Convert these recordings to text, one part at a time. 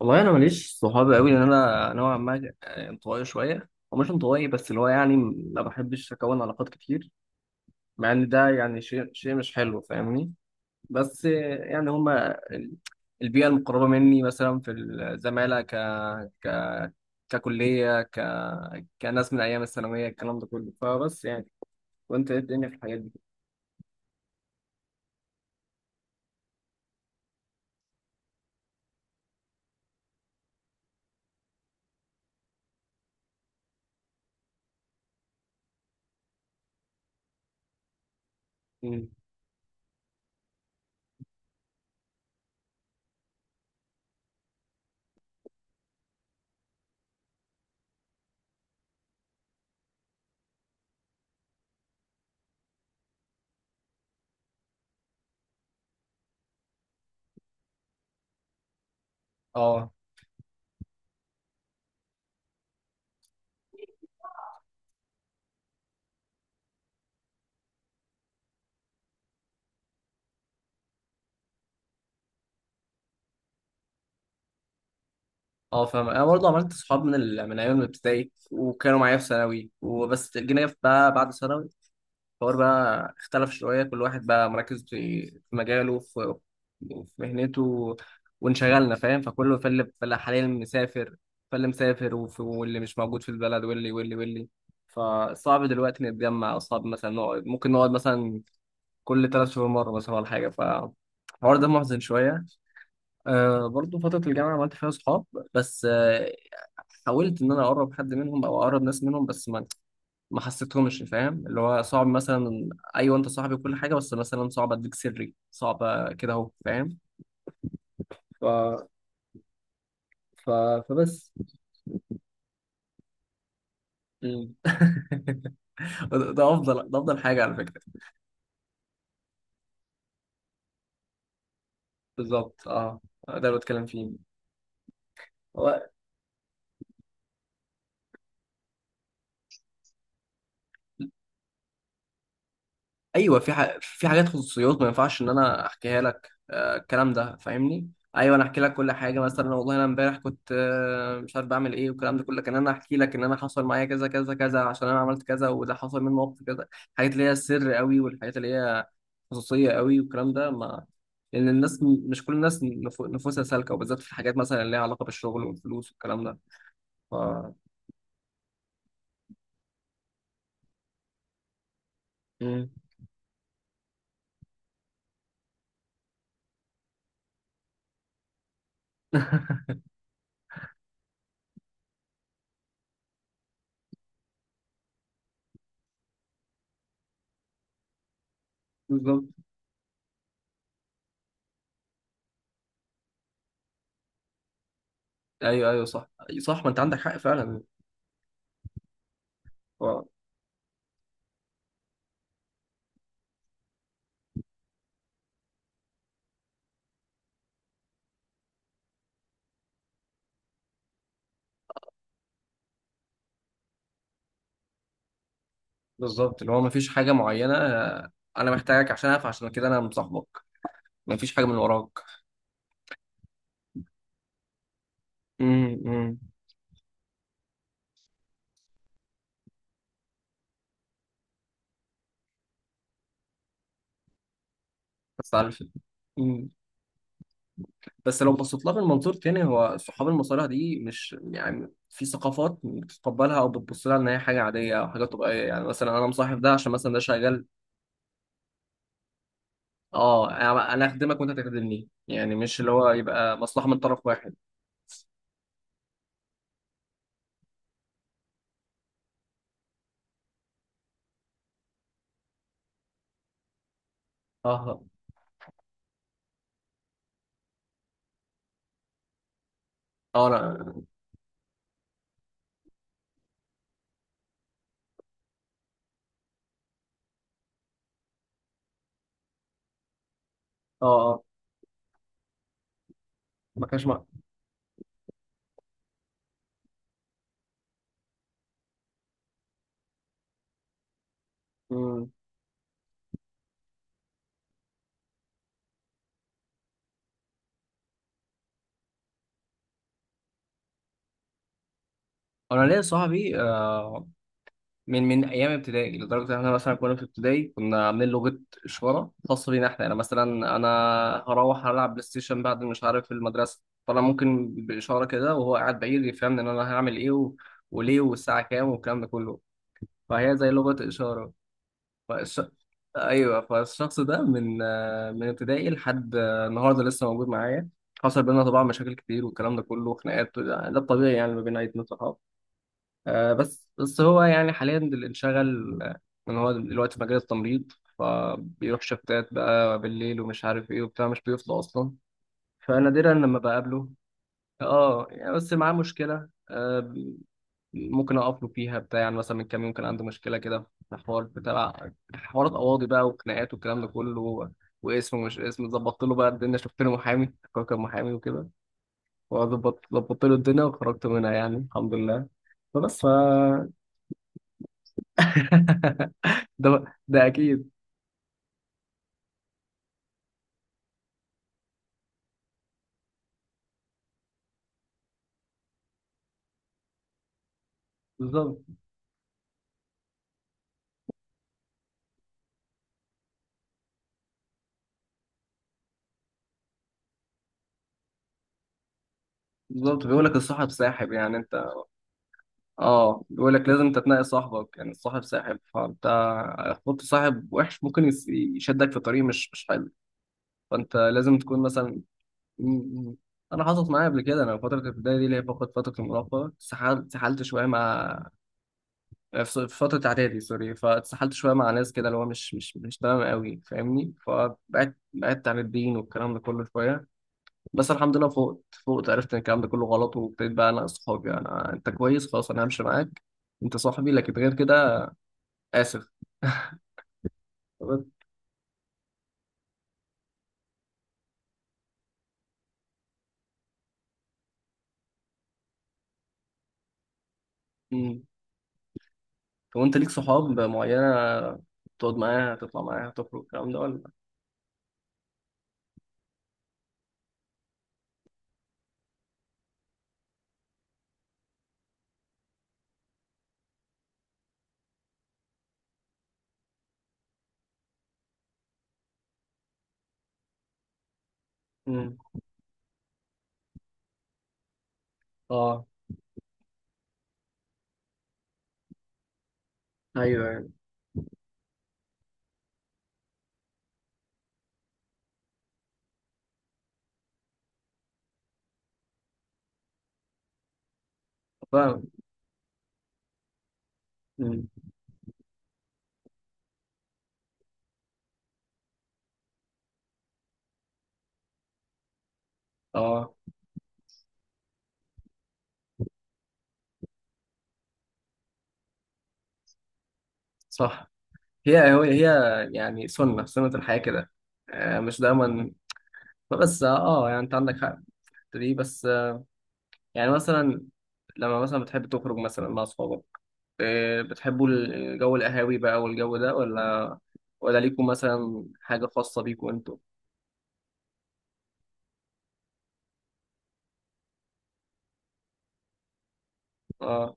والله انا ماليش صحاب قوي، لان انا نوعا ما انطوائي شويه، ومش انطوائي بس اللي هو يعني ما بحبش اكون علاقات كتير، مع ان ده يعني شيء مش حلو، فاهمني؟ بس يعني هما البيئه المقربه مني، مثلا في الزماله ك ك ككليه، كناس من ايام الثانويه، الكلام ده كله. فبس يعني، وانت ايه الدنيا في الحاجات دي؟ مم. اه، اه فاهم. انا برضه عملت صحاب من ايام الابتدائي، وكانوا معايا في ثانوي، وبس جينا بقى بعد ثانوي الحوار بقى اختلف شوية، كل واحد بقى مركز في مجاله، في مهنته، وانشغلنا، فاهم؟ فكله، فاللي حاليا مسافر، فاللي مسافر، واللي مش موجود في البلد، واللي. فصعب دلوقتي نتجمع، أو صعب مثلا نقعد، ممكن نقعد مثلا كل 3 شهور مرة مثلا، ولا حاجة. فالحوار ده محزن شوية. أه، برضه فترة الجامعة عملت فيها صحاب، بس أه، حاولت إن أنا أقرب حد منهم، أو أقرب ناس منهم، بس ما حسيتهمش، فاهم؟ اللي هو صعب مثلا، ايوه انت صاحبي وكل حاجه، بس مثلا صعب اديك سري، صعب كده اهو، فاهم؟ ف... ف... فبس. مم. ده افضل حاجه على فكره. بالظبط، اه. ده اللي بتكلم فيه. ايوه، في حاجات خصوصيات ما ينفعش ان انا احكيها لك، آه، الكلام ده فاهمني؟ ايوه، انا احكي لك كل حاجه، مثلا والله انا امبارح كنت آه مش عارف بعمل ايه، والكلام ده كله، كان انا احكي لك ان انا حصل معايا كذا كذا كذا عشان انا عملت كذا، وده حصل مني موقف كذا. الحاجات اللي هي السر قوي، والحاجات اللي هي خصوصيه قوي، والكلام ده ما، لان الناس مش كل الناس نفوسها سالكه، وبالذات في الحاجات مثلا اللي ليها علاقه بالشغل والفلوس والكلام ده. ف... مم. بالظبط. ايوه، ايوه، صح، صح. ما انت عندك حق فعلا. بالظبط، اللي هو مفيش حاجة معينة، آه، أنا محتاجك عشان أعرف، عشان كده أنا مصاحبك، مفيش حاجة من وراك. امم، امم. بس عارف. مم. بس لو بصيت لها من منظور تاني، هو صحاب المصالح دي مش يعني، في ثقافات بتتقبلها او بتبص لها ان هي حاجه عاديه او حاجه طبيعيه، يعني مثلا انا مصاحب ده عشان مثلا ده شغال. اه، انا اخدمك وانت تخدمني، يعني مش اللي هو يبقى مصلحه من طرف واحد. اه، اه، انا، اه، اه، ما كانش مع. مم. انا ليا صاحبي آه من ايام ابتدائي، لدرجه ان احنا مثلا كنا في ابتدائي كنا عاملين لغه اشاره خاصه بينا احنا، يعني مثلا انا هروح العب بلاي ستيشن بعد مش عارف المدرسه، فانا ممكن باشاره كده وهو قاعد بعيد يفهمني ان انا هعمل ايه، وليه، والساعه كام، والكلام ده كله. فهي زي لغه اشاره. فالش... ايوه، فالشخص ده من آه من ابتدائي لحد آه النهارده لسه موجود معايا. حصل بينا طبعا مشاكل كتير والكلام ده كله، وخناقات، ده الطبيعي يعني ما بين اي 2 صحاب. آه، بس هو يعني حاليا اللي انشغل، آه، ان هو دلوقتي في مجال التمريض، فبيروح شفتات بقى بالليل ومش عارف ايه وبتاع، مش بيفضى اصلا، فنادرا لما بقابله. اه، يعني بس معاه مشكله آه ممكن اقف له فيها بتاع، يعني مثلا من كام يوم كان عنده مشكله كده، في حوار بتاع، حوارات قواضي بقى وخناقات والكلام ده كله، واسمه مش اسمه، ظبطت له بقى الدنيا، شفت له محامي، هو كان محامي وكده، وظبطت له الدنيا وخرجت منها، يعني الحمد لله. فبس ف. ده، ده اكيد. بالظبط. بالظبط. بيقول لك الصاحب ساحب، يعني انت، اه، بيقول لك لازم انت تنقي صاحبك، يعني الصاحب ساحب، فانت هتحط صاحب وحش ممكن يشدك في طريق مش حلو، فانت لازم تكون مثلا. م- م. انا حصلت معايا قبل كده، انا في فتره الابتدائي دي اللي هي فقط فتره المراهقه، اتسحلت شويه مع آه في فتره اعدادي، سوري، فاتسحلت شويه مع ناس كده اللي هو مش تمام قوي، فاهمني؟ فبعدت عن الدين والكلام ده كله شويه. بس الحمد لله فوقت عرفت ان الكلام ده كله غلط، وابتديت بقى انا اصحابي انا، انت كويس خلاص انا همشي معاك، انت صاحبي، لكن غير كده. اسف. طب. مم. طب انت ليك صحاب معينه تقعد معاها تطلع معاها تخرج الكلام ده، ولا؟ مم. اه. ايوه، يعني فاهم. مم. اه، صح. هي يعني سنه سنه الحياه كده، آه، مش دايما، بس اه، يعني انت عندك حق في الحتة دي، بس آه، يعني مثلا لما مثلا بتحب تخرج مثلا مع اصحابك، إيه، بتحبوا الجو القهاوي بقى والجو ده، ولا؟ ولا ليكم مثلا حاجة خاصة بيكم انتوا؟ اه،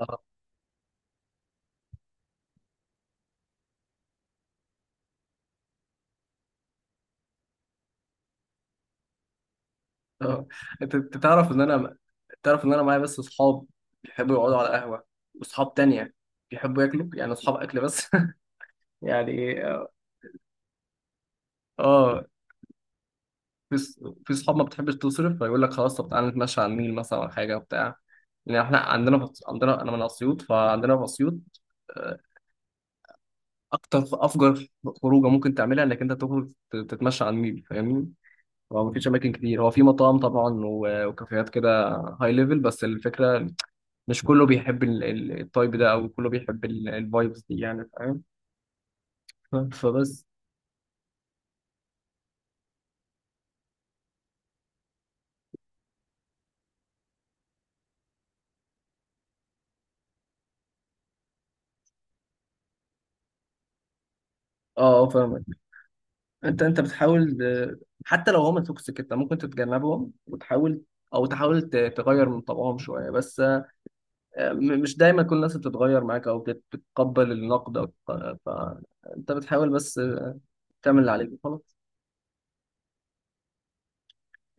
اه، آه. انت تعرف ان انا، تعرف ان انا معايا بس اصحاب بيحبوا يقعدوا على قهوة، واصحاب تانية بيحبوا ياكلوا، يعني اصحاب اكل بس. يعني اه، آه، في ص- في صحاب ما بتحبش تصرف، فيقول لك خلاص، طب تعالى نتمشى على النيل مثلا ولا حاجة، بتاع. لان احنا عندنا عندنا، انا من اسيوط، فعندنا في اسيوط، آه، اكتر افجر خروجه ممكن تعملها انك انت تخرج تتمشى على النيل، فاهمني؟ هو مفيش اماكن كتير، هو في مطاعم طبعا وكافيهات كده هاي ليفل، بس الفكره مش كله بيحب ال- ال- التايب ده، او كله بيحب الفايبس دي يعني، فاهم؟ فبس. اه، آه، فاهمك. انت بتحاول آه، حتى لو هما توكسيك انت ممكن تتجنبهم وتحاول، او تحاول تغير من طبعهم شويه، بس مش دايما كل الناس بتتغير معاك او بتتقبل النقد، او فانت بتحاول بس تعمل اللي عليك وخلاص.